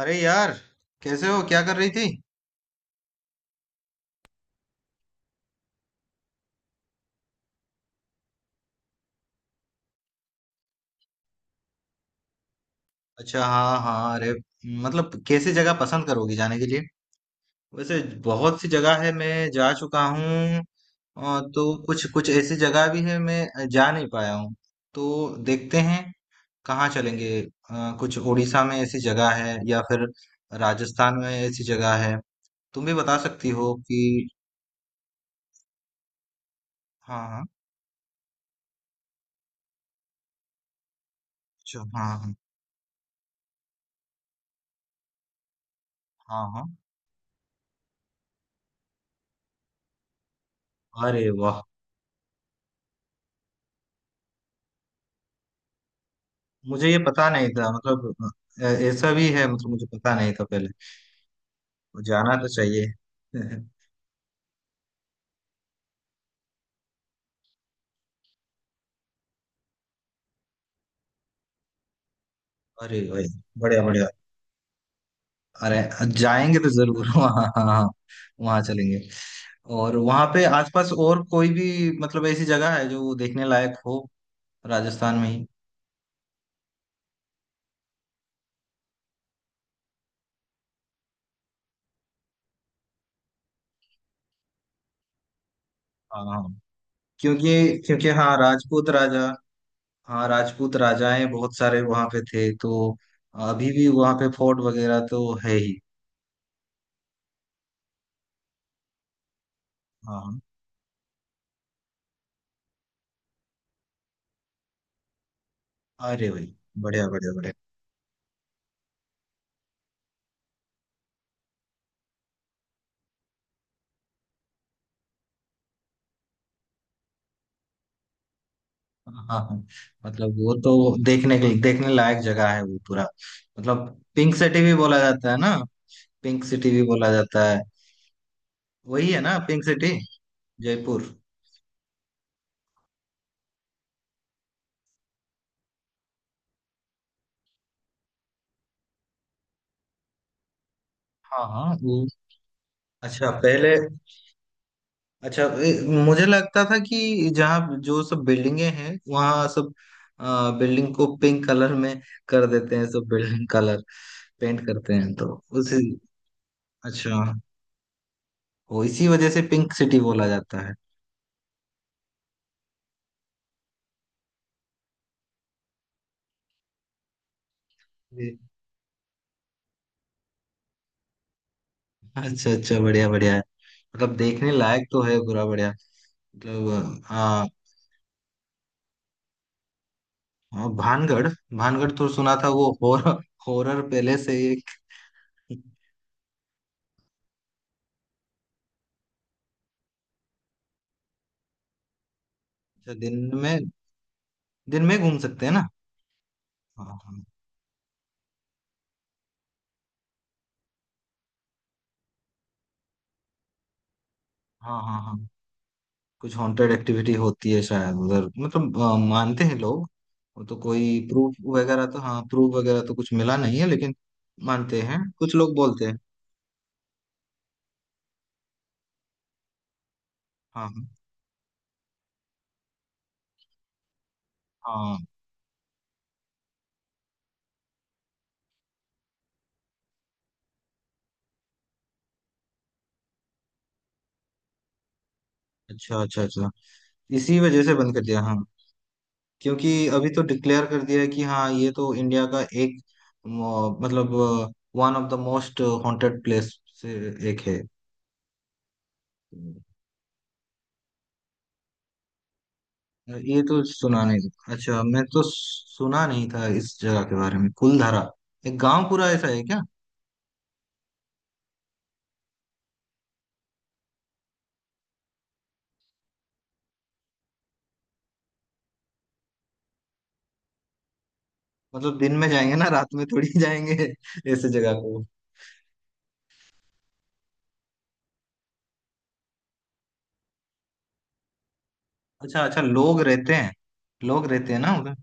अरे यार, कैसे हो? क्या कर रही थी? अच्छा, हाँ हाँ। अरे मतलब, कैसी जगह पसंद करोगी जाने के लिए? वैसे बहुत सी जगह है, मैं जा चुका हूँ। तो कुछ कुछ ऐसी जगह भी है, मैं जा नहीं पाया हूँ। तो देखते हैं कहाँ चलेंगे। कुछ उड़ीसा में ऐसी जगह है, या फिर राजस्थान में ऐसी जगह है। तुम भी बता सकती हो कि। हाँ हाँ। अच्छा, हाँ हाँ, हाँ हाँ। अरे वाह। मुझे ये पता नहीं था, मतलब ऐसा भी है, मतलब मुझे पता नहीं था पहले। तो जाना तो चाहिए। अरे भाई, बढ़िया बढ़िया। अरे, जाएंगे तो जरूर वहाँ। हाँ हाँ। वहाँ चलेंगे। और वहाँ पे आसपास और कोई भी, मतलब ऐसी जगह है जो देखने लायक हो? राजस्थान में ही। हाँ हाँ। क्योंकि क्योंकि हाँ राजपूत राजा, हाँ राजपूत राजाएं बहुत सारे वहाँ पे थे तो। अभी भी वहाँ पे फोर्ट वगैरह तो है ही। हाँ हाँ। अरे भाई, बढ़िया बढ़िया बढ़िया। हाँ हाँ। मतलब वो तो देखने लायक जगह है, वो पूरा। मतलब पिंक सिटी भी बोला जाता है ना, पिंक सिटी भी बोला जाता है। वही है ना पिंक सिटी, जयपुर। हाँ हाँ, वो। अच्छा, पहले अच्छा, मुझे लगता था कि जहाँ जो सब बिल्डिंगे हैं, वहाँ सब बिल्डिंग को पिंक कलर में कर देते हैं, सब बिल्डिंग कलर पेंट करते हैं, तो उसी। अच्छा, वो इसी वजह से पिंक सिटी बोला जाता है। अच्छा अच्छा, बढ़िया बढ़िया है। मतलब देखने लायक तो है पूरा, बढ़िया मतलब। आ, आ, भानगढ़। भानगढ़ तो सुना था, वो हॉरर, हॉरर पहले से एक। अच्छा। दिन में, दिन में घूम सकते हैं ना? हाँ हाँ, हाँ हाँ हाँ। कुछ हॉन्टेड एक्टिविटी होती है शायद उधर, मतलब मानते हैं लोग। वो तो कोई प्रूफ वगैरह तो, हाँ प्रूफ वगैरह तो कुछ मिला नहीं है लेकिन मानते हैं, कुछ लोग बोलते हैं। हाँ हाँ हाँ। अच्छा अच्छा अच्छा, इसी वजह से बंद कर दिया, हाँ। क्योंकि अभी तो डिक्लेयर कर दिया है कि हाँ, ये तो इंडिया का एक मतलब one of the most haunted place से एक है। ये तो सुना नहीं, अच्छा, मैं तो सुना नहीं था इस जगह के बारे में, कुलधारा। एक गांव पूरा ऐसा है क्या? मतलब दिन में जाएंगे ना, रात में थोड़ी जाएंगे ऐसे जगह को। अच्छा अच्छा, लोग रहते हैं, लोग रहते हैं ना उधर?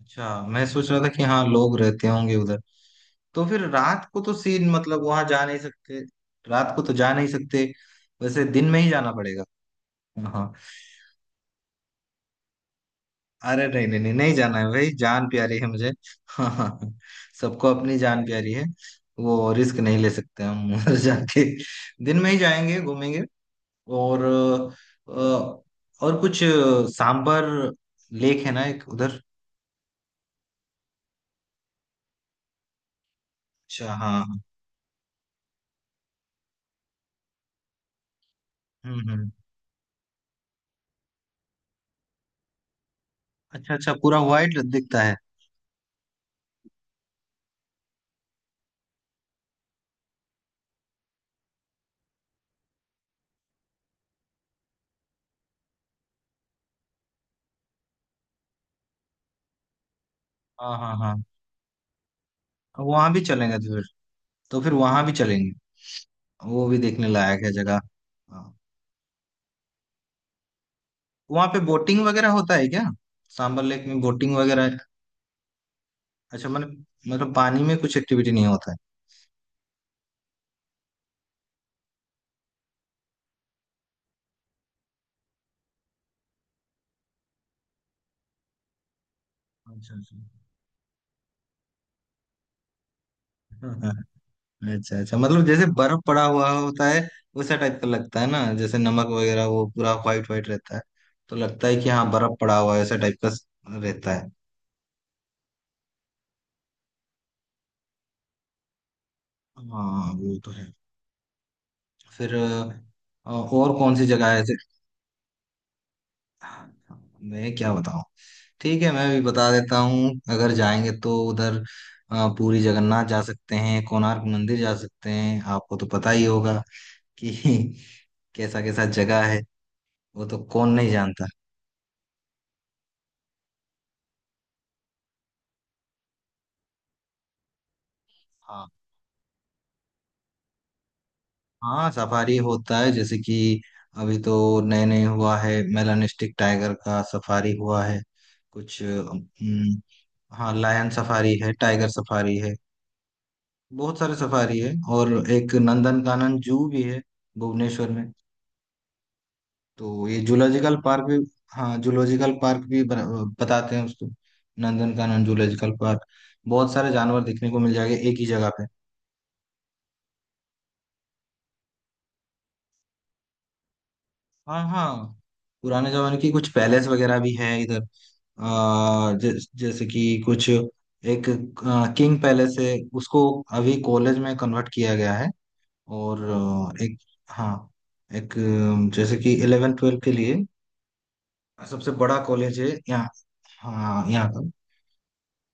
अच्छा, मैं सोच रहा था कि हाँ, लोग रहते होंगे उधर। तो फिर रात को तो सीन, मतलब वहां जा नहीं सकते, रात को तो जा नहीं सकते। वैसे दिन में ही जाना पड़ेगा। हाँ। अरे नहीं नहीं, नहीं नहीं जाना है भाई, जान प्यारी है मुझे हाँ हाँ, सबको अपनी जान प्यारी है, वो रिस्क नहीं ले सकते हम उधर जाके। दिन में ही जाएंगे, घूमेंगे। और अ, और कुछ सांबर लेक है ना एक उधर। अच्छा हाँ, हम्म। अच्छा अच्छा, पूरा व्हाइट दिखता है। हाँ हाँ हाँ, वहां भी चलेंगे तो फिर वहां भी चलेंगे। वो भी देखने लायक है जगह। हाँ। वहां पे बोटिंग वगैरह होता है क्या? सांबर लेक में बोटिंग वगैरह है? अच्छा, मतलब पानी में कुछ एक्टिविटी नहीं होता है। अच्छा अच्छा हाँ, हाँ। अच्छा अच्छा, मतलब जैसे बर्फ पड़ा हुआ होता है, वैसा टाइप का लगता है ना, जैसे नमक वगैरह, वो पूरा व्हाइट व्हाइट रहता है, तो लगता है कि हाँ, बर्फ पड़ा हुआ है, ऐसा टाइप का रहता है। हाँ वो तो है। फिर और कौन सी जगह है? मैं क्या बताऊं। ठीक है, मैं भी बता देता हूँ अगर जाएंगे तो उधर। पुरी जगन्नाथ जा सकते हैं, कोणार्क मंदिर जा सकते हैं, आपको तो पता ही होगा कि कैसा कैसा जगह है, वो तो कौन नहीं जानता। हाँ हाँ, सफारी होता है, जैसे कि अभी तो नए नए हुआ है, मेलानिस्टिक टाइगर का सफारी हुआ है। कुछ हाँ, लायन सफारी है, टाइगर सफारी है, बहुत सारे सफारी है। और एक नंदनकानन जू भी है भुवनेश्वर में, तो ये जूलॉजिकल पार्क भी। हाँ, जूलॉजिकल पार्क भी बताते हैं उसको, नंदनकानन जूलॉजिकल पार्क। बहुत सारे जानवर देखने को मिल जाएंगे एक ही जगह पे। हाँ हाँ, पुराने जमाने की कुछ पैलेस वगैरह भी है इधर। जैसे कि कुछ एक किंग पैलेस है, उसको अभी कॉलेज में कन्वर्ट किया गया है। और एक, हाँ, एक जैसे कि 11 12 के लिए सबसे बड़ा कॉलेज है यहाँ, हाँ, यहाँ का,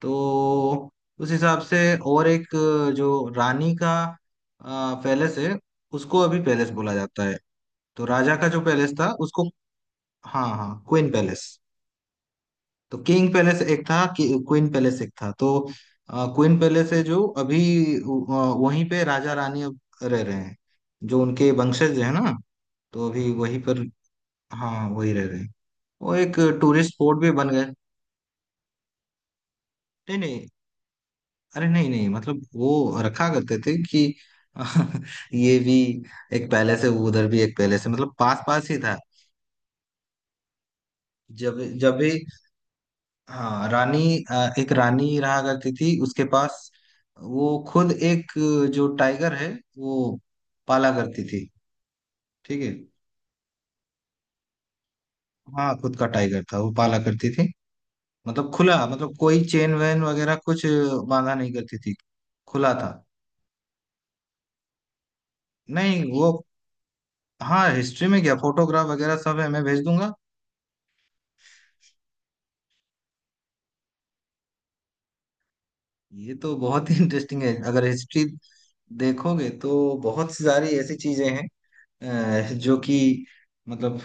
तो उस हिसाब से। और एक जो रानी का पैलेस है, उसको अभी पैलेस बोला जाता है। तो राजा का जो पैलेस था उसको, हाँ हाँ, क्वीन पैलेस। तो किंग पैलेस एक था कि, क्वीन पैलेस एक था तो। क्वीन पैलेस है जो अभी अ, वहीं पे राजा रानी अब रह रहे हैं, जो उनके वंशज है ना, तो अभी वहीं पर। हाँ, वही रह रहे हैं, वो एक टूरिस्ट स्पॉट भी बन गए। नहीं नहीं, अरे नहीं नहीं, मतलब वो रखा करते थे कि ये भी एक पैलेस है, उधर भी एक पैलेस है, मतलब पास पास ही था। जब जब भी, हाँ, रानी, एक रानी रहा करती थी, उसके पास वो खुद एक, जो टाइगर है वो पाला करती थी। ठीक है। हाँ, खुद का टाइगर था, वो पाला करती थी, मतलब खुला, मतलब कोई चेन वेन वगैरह कुछ बांधा नहीं करती थी, खुला था। नहीं वो, हाँ हिस्ट्री में क्या, फोटोग्राफ वगैरह सब है, मैं भेज दूंगा। ये तो बहुत ही इंटरेस्टिंग है अगर हिस्ट्री देखोगे तो। बहुत सी सारी ऐसी चीजें हैं जो कि मतलब,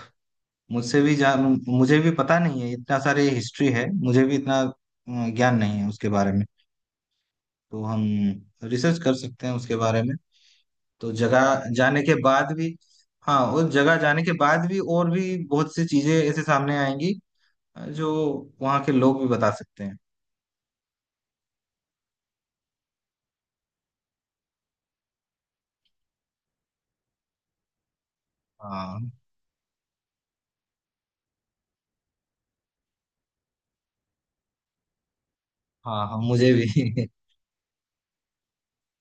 मुझसे भी जान मुझे भी पता नहीं है, इतना सारी हिस्ट्री है, मुझे भी इतना ज्ञान नहीं है उसके बारे में। तो हम रिसर्च कर सकते हैं उसके बारे में, तो जगह जाने के बाद भी। हाँ, उस जगह जाने के बाद भी और भी बहुत सी चीजें ऐसे सामने आएंगी, जो वहाँ के लोग भी बता सकते हैं। हाँ हाँ, हाँ मुझे भी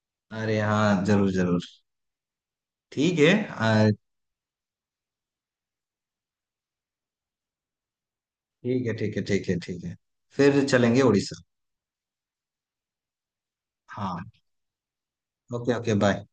अरे हाँ, जरूर जरूर। ठीक है। ठीक है ठीक है, ठीक है ठीक है। फिर चलेंगे उड़ीसा। हाँ, ओके, ओके बाय।